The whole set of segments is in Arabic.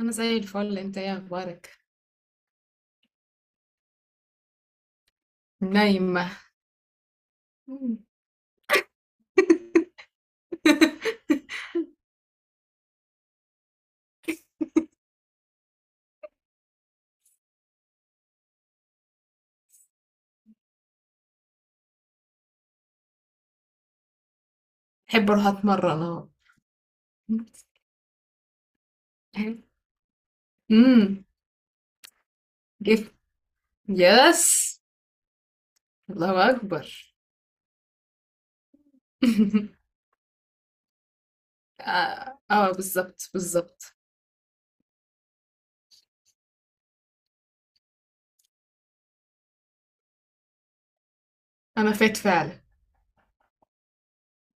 انا زي الفل. انت ايه اخبارك؟ نايمه. احب اروح اتمرن اهو. امم. جيف. يس. الله اكبر. اه، آه، بالظبط بالظبط. انا فات فعلا،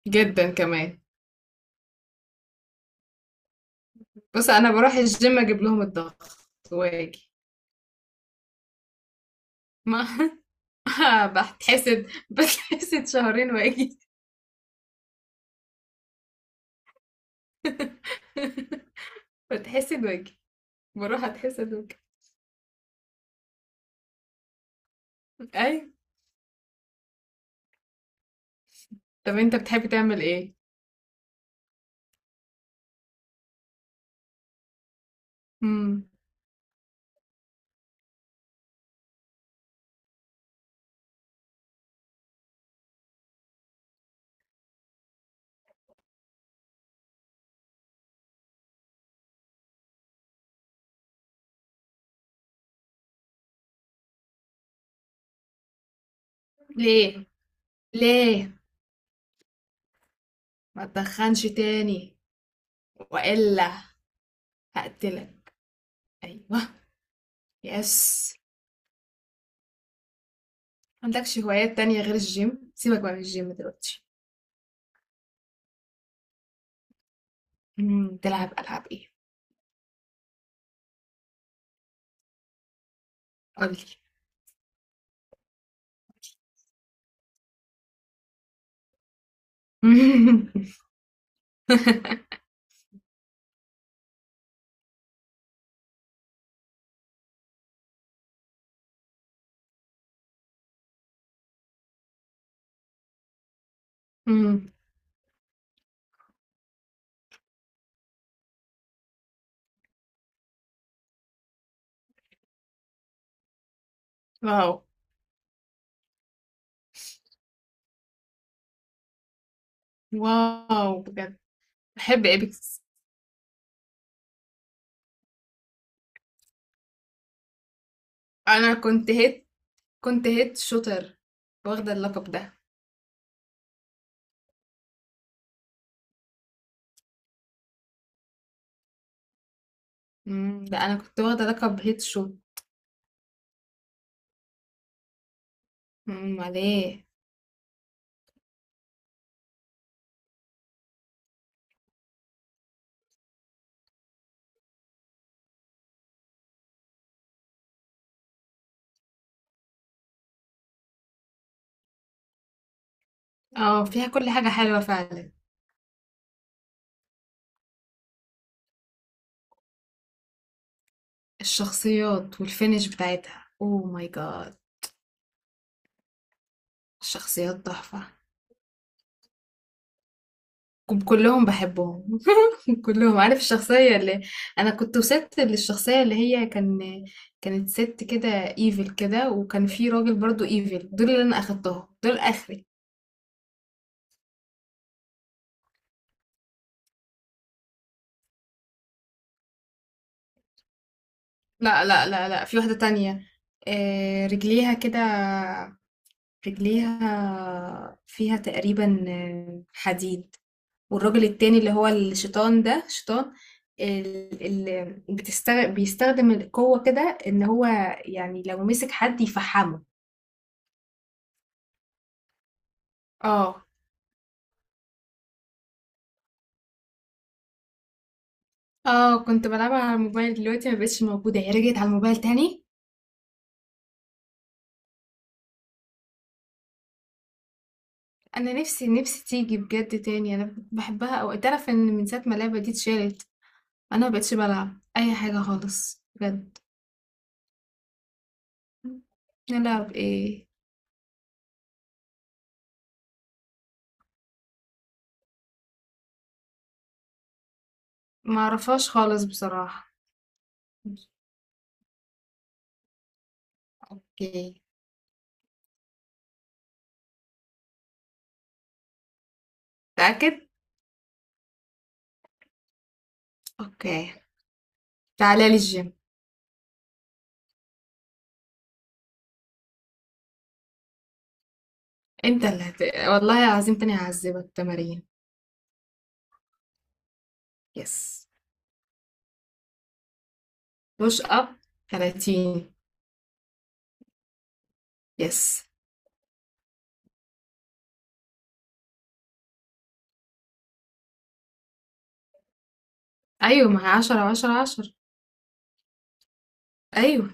جدا كمان. بص، انا بروح الجيم اجيب لهم الضغط واجي. ما. بتحسد بتحسد، شهرين واجي. بتحسد واجي. بروح اتحسد واجي. اي. طب انت بتحب تعمل ايه؟ ليه؟ ليه؟ ما تدخنش تاني. والا هقتلك. ايوه. يس. ما عندكش هوايات تانية غير الجيم، سيبك بقى من الجيم دلوقتي. تلعب العاب ايه؟ قولي. مم، واو. واو بجد. بحب ايبكس. انا كنت هيت. كنت هيت شوتر، واخدة اللقب ده. ده انا كنت واخدة لقب هيت شوت. مم، عليه. اه، فيها كل حاجة حلوة فعلا. الشخصيات والفينش بتاعتها اوه ماي جاد. الشخصيات تحفة. كلهم بحبهم. كلهم، عارف الشخصية اللي... انا كنت وصلت للشخصية اللي هي كان، كانت ست كده ايفل كده، وكان في راجل برضو ايفل، دول اللي انا اخدتهم دول اخري. لا، لا، لا، لا، في واحدة تانية. رجليها كده، رجليها فيها تقريبا حديد. والراجل التاني اللي هو الشيطان، ده شيطان اللي بيستخدم القوة كده ان هو، يعني لو مسك حد يفحمه. اه، اه، كنت بلعبها على الموبايل. دلوقتي ما بقتش موجودة، هي رجعت على الموبايل تاني. انا نفسي نفسي تيجي بجد تاني، انا بحبها. او تعرف ان من ساعة ما اللعبة دي اتشالت، انا ما بقتش بلعب اي حاجة خالص بجد. نلعب ايه؟ ما اعرفهاش خالص بصراحة. اوكي. متأكد؟ اوكي. تعالى لي الجيم. انت اللي هت... والله العظيم تاني هعذبك تمارين. يس. بوش اب، 30. يس. ايوه، ما هي 10 10 10. ايوه.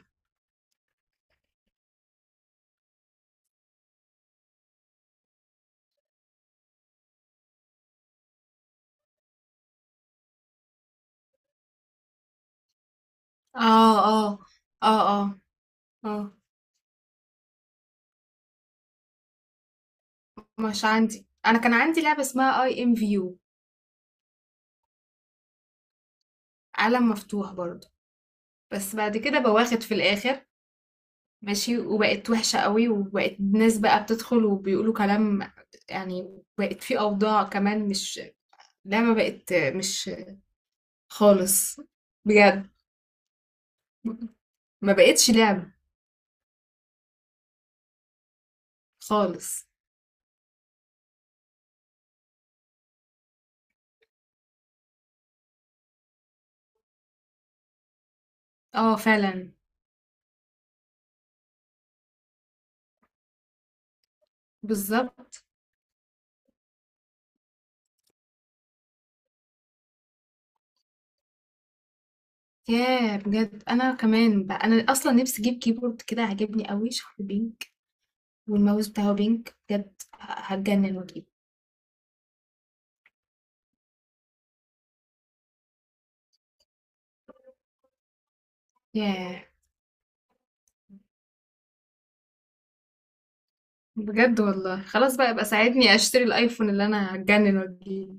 اه، اه، اه، اه، اه. مش عندي، انا كان عندي لعبه اسمها اي ام فيو. عالم مفتوح برضو، بس بعد كده بواخد في الاخر. ماشي، وبقت وحشه قوي، وبقت ناس بقى بتدخل وبيقولوا كلام. يعني بقت في اوضاع كمان، مش لعبه، بقت مش خالص بجد. ما بقتش لعبه خالص. اه، فعلا. بالظبط. ياه بجد، انا كمان بقى، انا اصلا نفسي اجيب كيبورد كده عاجبني قوي شكله بينك. والماوس بتاعه بينك بجد، هتجنن واجيبه. ياه بجد، والله خلاص بقى، يبقى ساعدني اشتري الايفون اللي انا هتجنن واجيبه.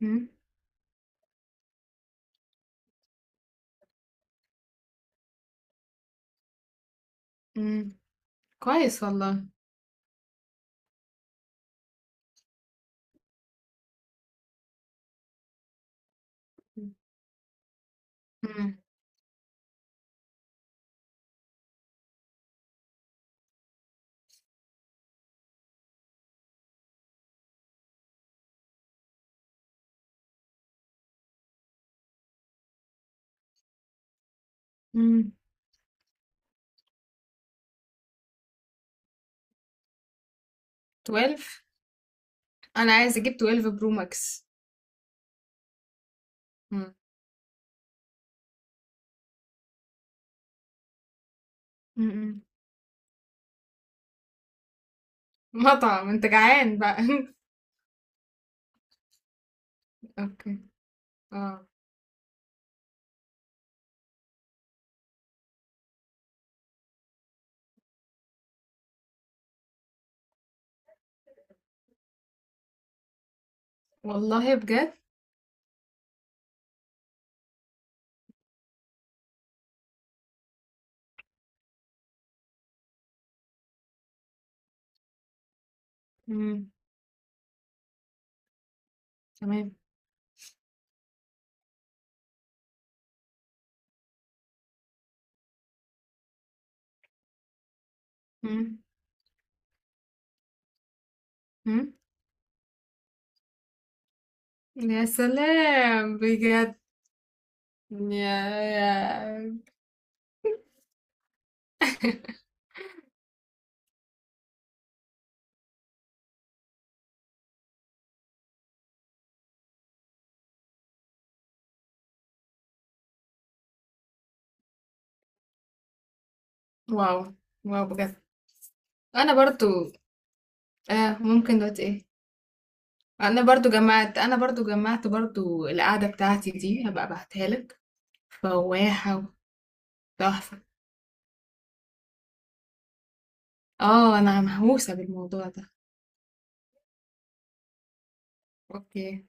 مم، مم، كويس والله. مم، مم، 12. انا عايز اجيب 12 برو ماكس. مم، مم، مم. مطعم؟ انت جعان بقى؟ اوكي. اه، والله بجد. مم، تمام. إمم، إمم، يا سلام بجد! يا يا. واو! واو بجد. أنا برضه... ممكن دلوقتي إيه، أنا برضه جمّعت برضه القعدة بتاعتي دي، هابقى أبعتها لك. فواحة وتحفة. أنا مهووسة بالموضوع ده. أوكي.